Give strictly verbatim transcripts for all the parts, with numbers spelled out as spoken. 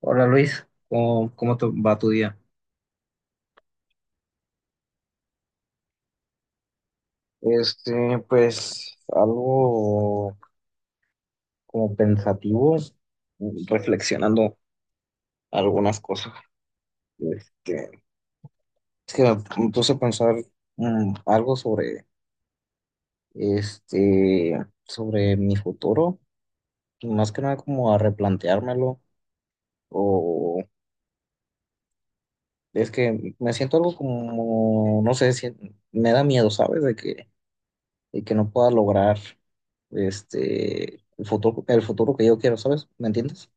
Hola Luis, ¿cómo, cómo te va tu día? Este, pues algo como pensativo, reflexionando algunas cosas. Este, es que me puse a pensar mm, algo sobre este, sobre mi futuro, y más que nada como a replanteármelo, o es que me siento algo como, no sé, si- me da miedo, ¿sabes? De que Y que no pueda lograr este, el futuro, el futuro que yo quiero, ¿sabes? ¿Me entiendes?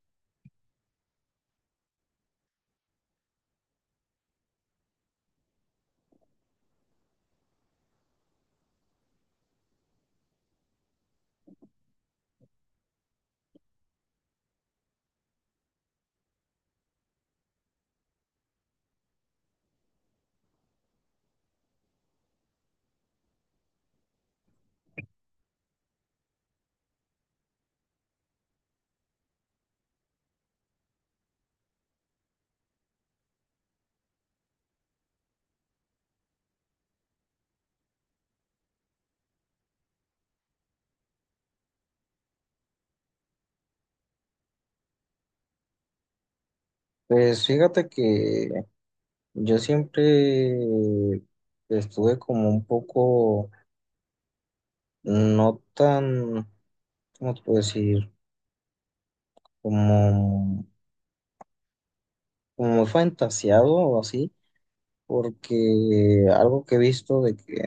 Pues fíjate que yo siempre estuve como un poco, no tan, ¿cómo te puedo decir? Como, como muy fantasiado o así, porque algo que he visto de que,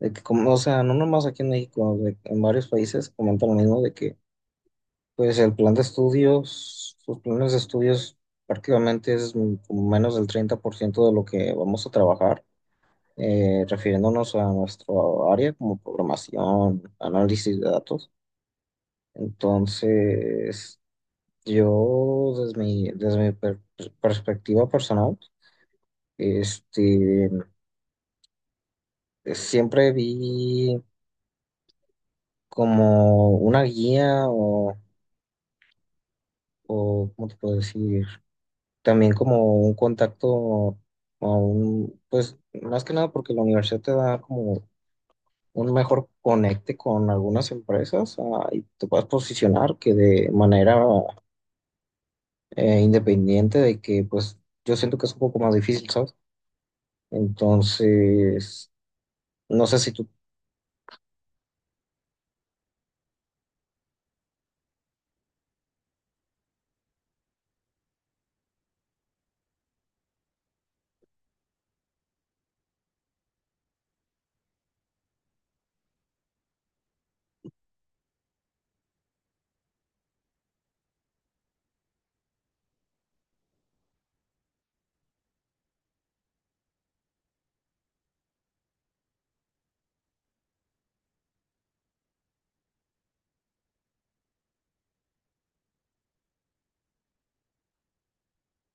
de que como, o sea, no nomás aquí en México, de- en varios países comentan lo mismo de que pues el plan de estudios, sus planes de estudios prácticamente es m- como menos del treinta por ciento de lo que vamos a trabajar, eh, refiriéndonos a nuestro área como programación, análisis de datos. Entonces, yo desde mi, desde mi per- per- perspectiva personal, este, siempre vi como una guía o, o ¿cómo te puedo decir? También como un contacto a un, pues más que nada porque la universidad te da como un mejor conecte con algunas empresas, ah, y te puedas posicionar que de manera eh, independiente de que pues yo siento que es un poco más difícil, ¿sabes? Entonces, no sé si tú,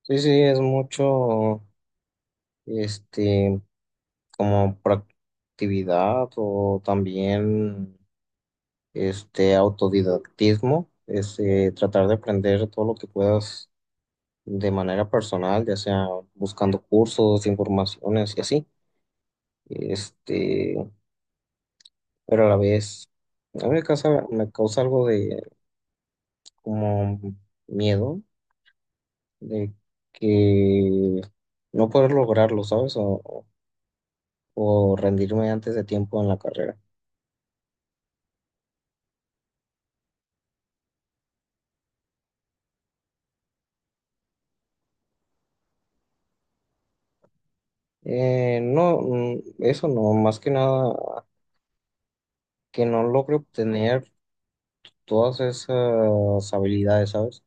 sí, sí, es mucho, este, como proactividad o también este autodidactismo, es eh, tratar de aprender todo lo que puedas de manera personal, ya sea buscando cursos, informaciones y así. Este, pero a la vez, a mí me causa, me causa algo de como miedo de que no poder lograrlo, ¿sabes? O, o rendirme antes de tiempo en la carrera. Eh, no, mm, eso no, más que nada que no logre obtener todas esas habilidades, ¿sabes?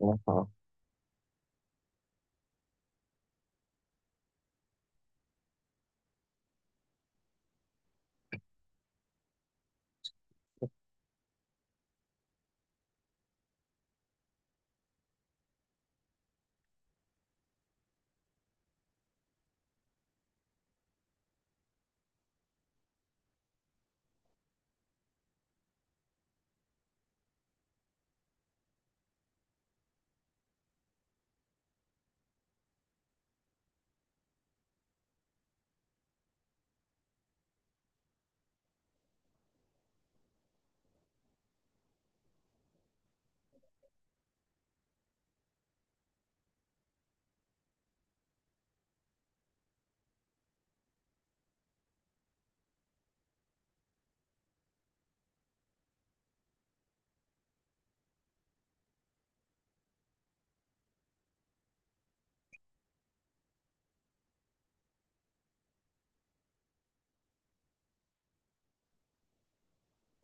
Ajá.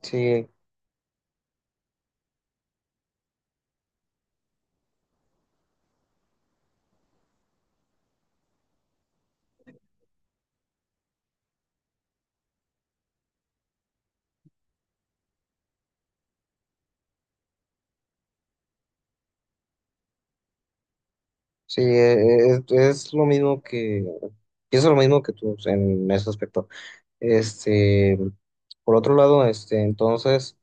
Sí, sí, e- e- es, es lo mismo que, pienso lo mismo que tú en ese aspecto. Este, por otro lado, este, entonces,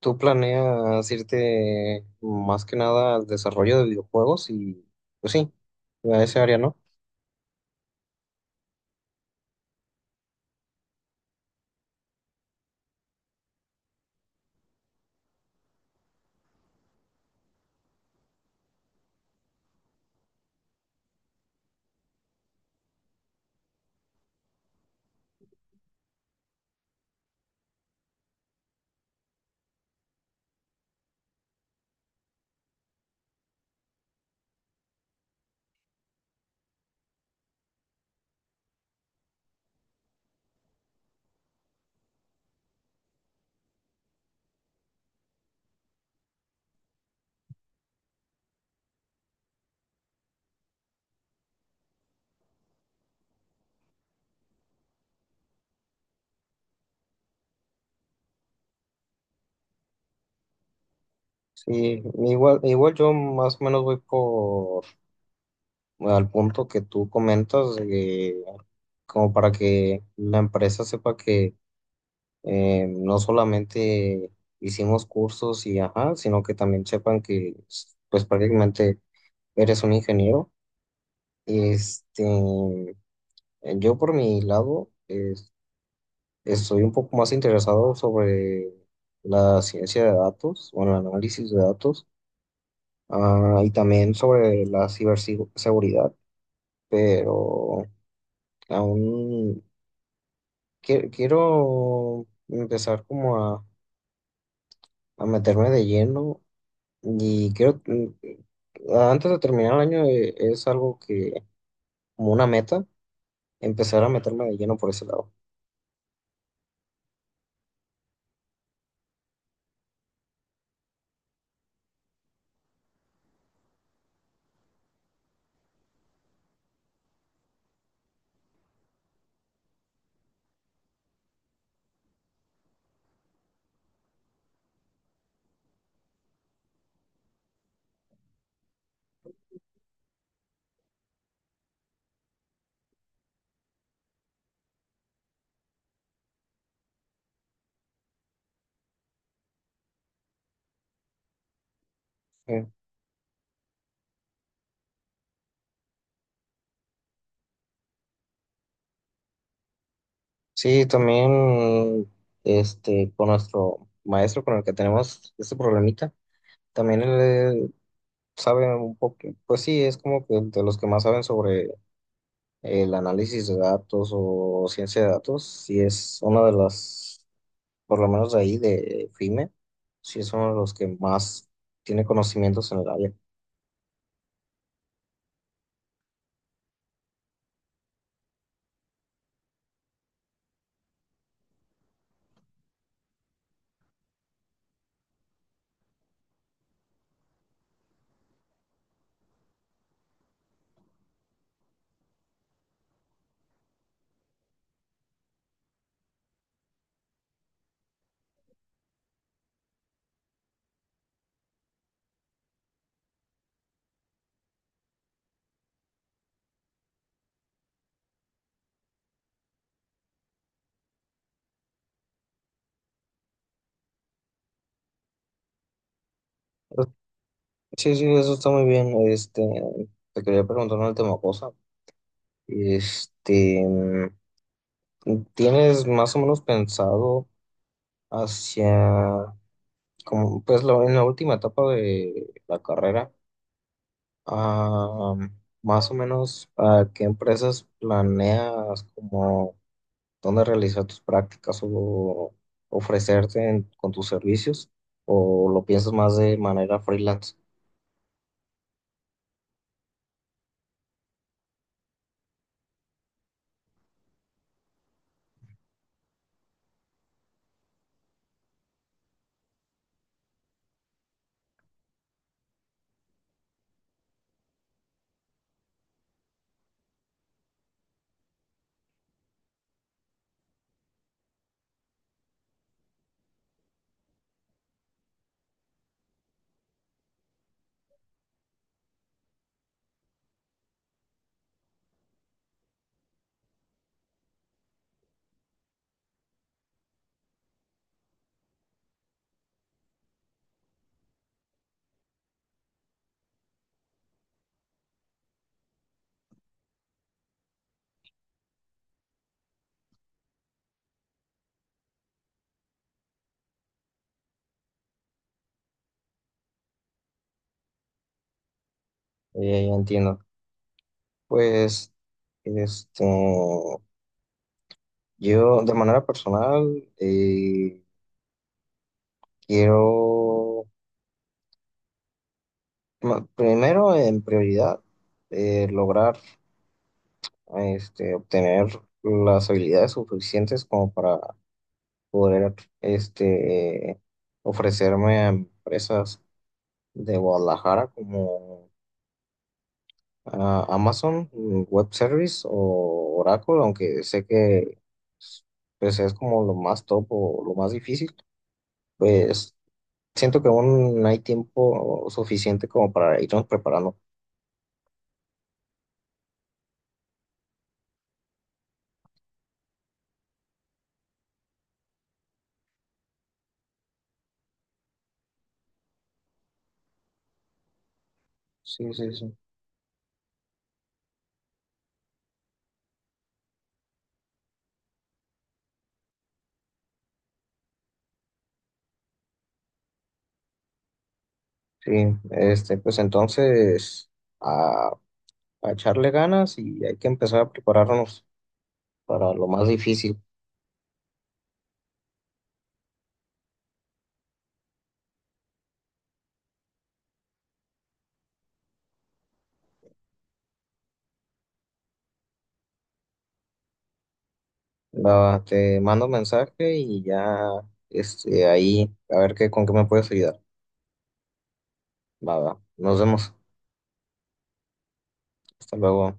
¿tú planeas irte más que nada al desarrollo de videojuegos? Y, pues sí, a ese área, ¿no? Sí, igual, igual yo más o menos voy por al punto que tú comentas, de- como para que la empresa sepa que eh, no solamente hicimos cursos y ajá, sino que también sepan que pues prácticamente eres un ingeniero. Este, yo por mi lado es- estoy un poco más interesado sobre la ciencia de datos o el análisis de datos, ah, y también sobre la ciberseguridad, pero aún quie- quiero empezar como a, a meterme de lleno. Y creo que, mm, antes de terminar el año, eh, es algo que, como una meta, empezar a meterme de lleno por ese lado. Eh, Sí, también este, con nuestro maestro con el que tenemos este problemita, también él eh, sabe un poco, pues sí, es como que de los que más saben sobre el análisis de datos o ciencia de datos, sí es una de las, por lo menos de ahí, de F I M E, sí es uno de los que más tiene conocimientos en el área. Sí, sí, eso está muy bien. Este, te quería preguntar una última cosa. Este, mm, ¿Tienes más o menos pensado hacia, como, pues, lo- en la última etapa de la carrera, ah, más o menos a qué empresas planeas, como, dónde realizar tus prácticas o ofrecerte en- con tus servicios? ¿O lo piensas más de manera freelance? Eh, ya entiendo. Pues… Este, yo, de manera personal, eh, quiero, ma- primero, en prioridad, eh, lograr este, obtener las habilidades suficientes como para poder este, ofrecerme a empresas de Guadalajara como, ah, Amazon, mm, Web Service o Oracle, aunque sé que pues, es como lo más top o lo más difícil. Pues siento que aún hay tiempo suficiente como para irnos preparando. Sí, sí, sí. Sí, este, pues entonces a, a echarle ganas y hay que empezar a prepararnos para lo más difícil. Va, te mando mensaje y ya, este, ahí a ver qué, con qué me puedes ayudar. Va, va. Nos vemos. Hasta luego.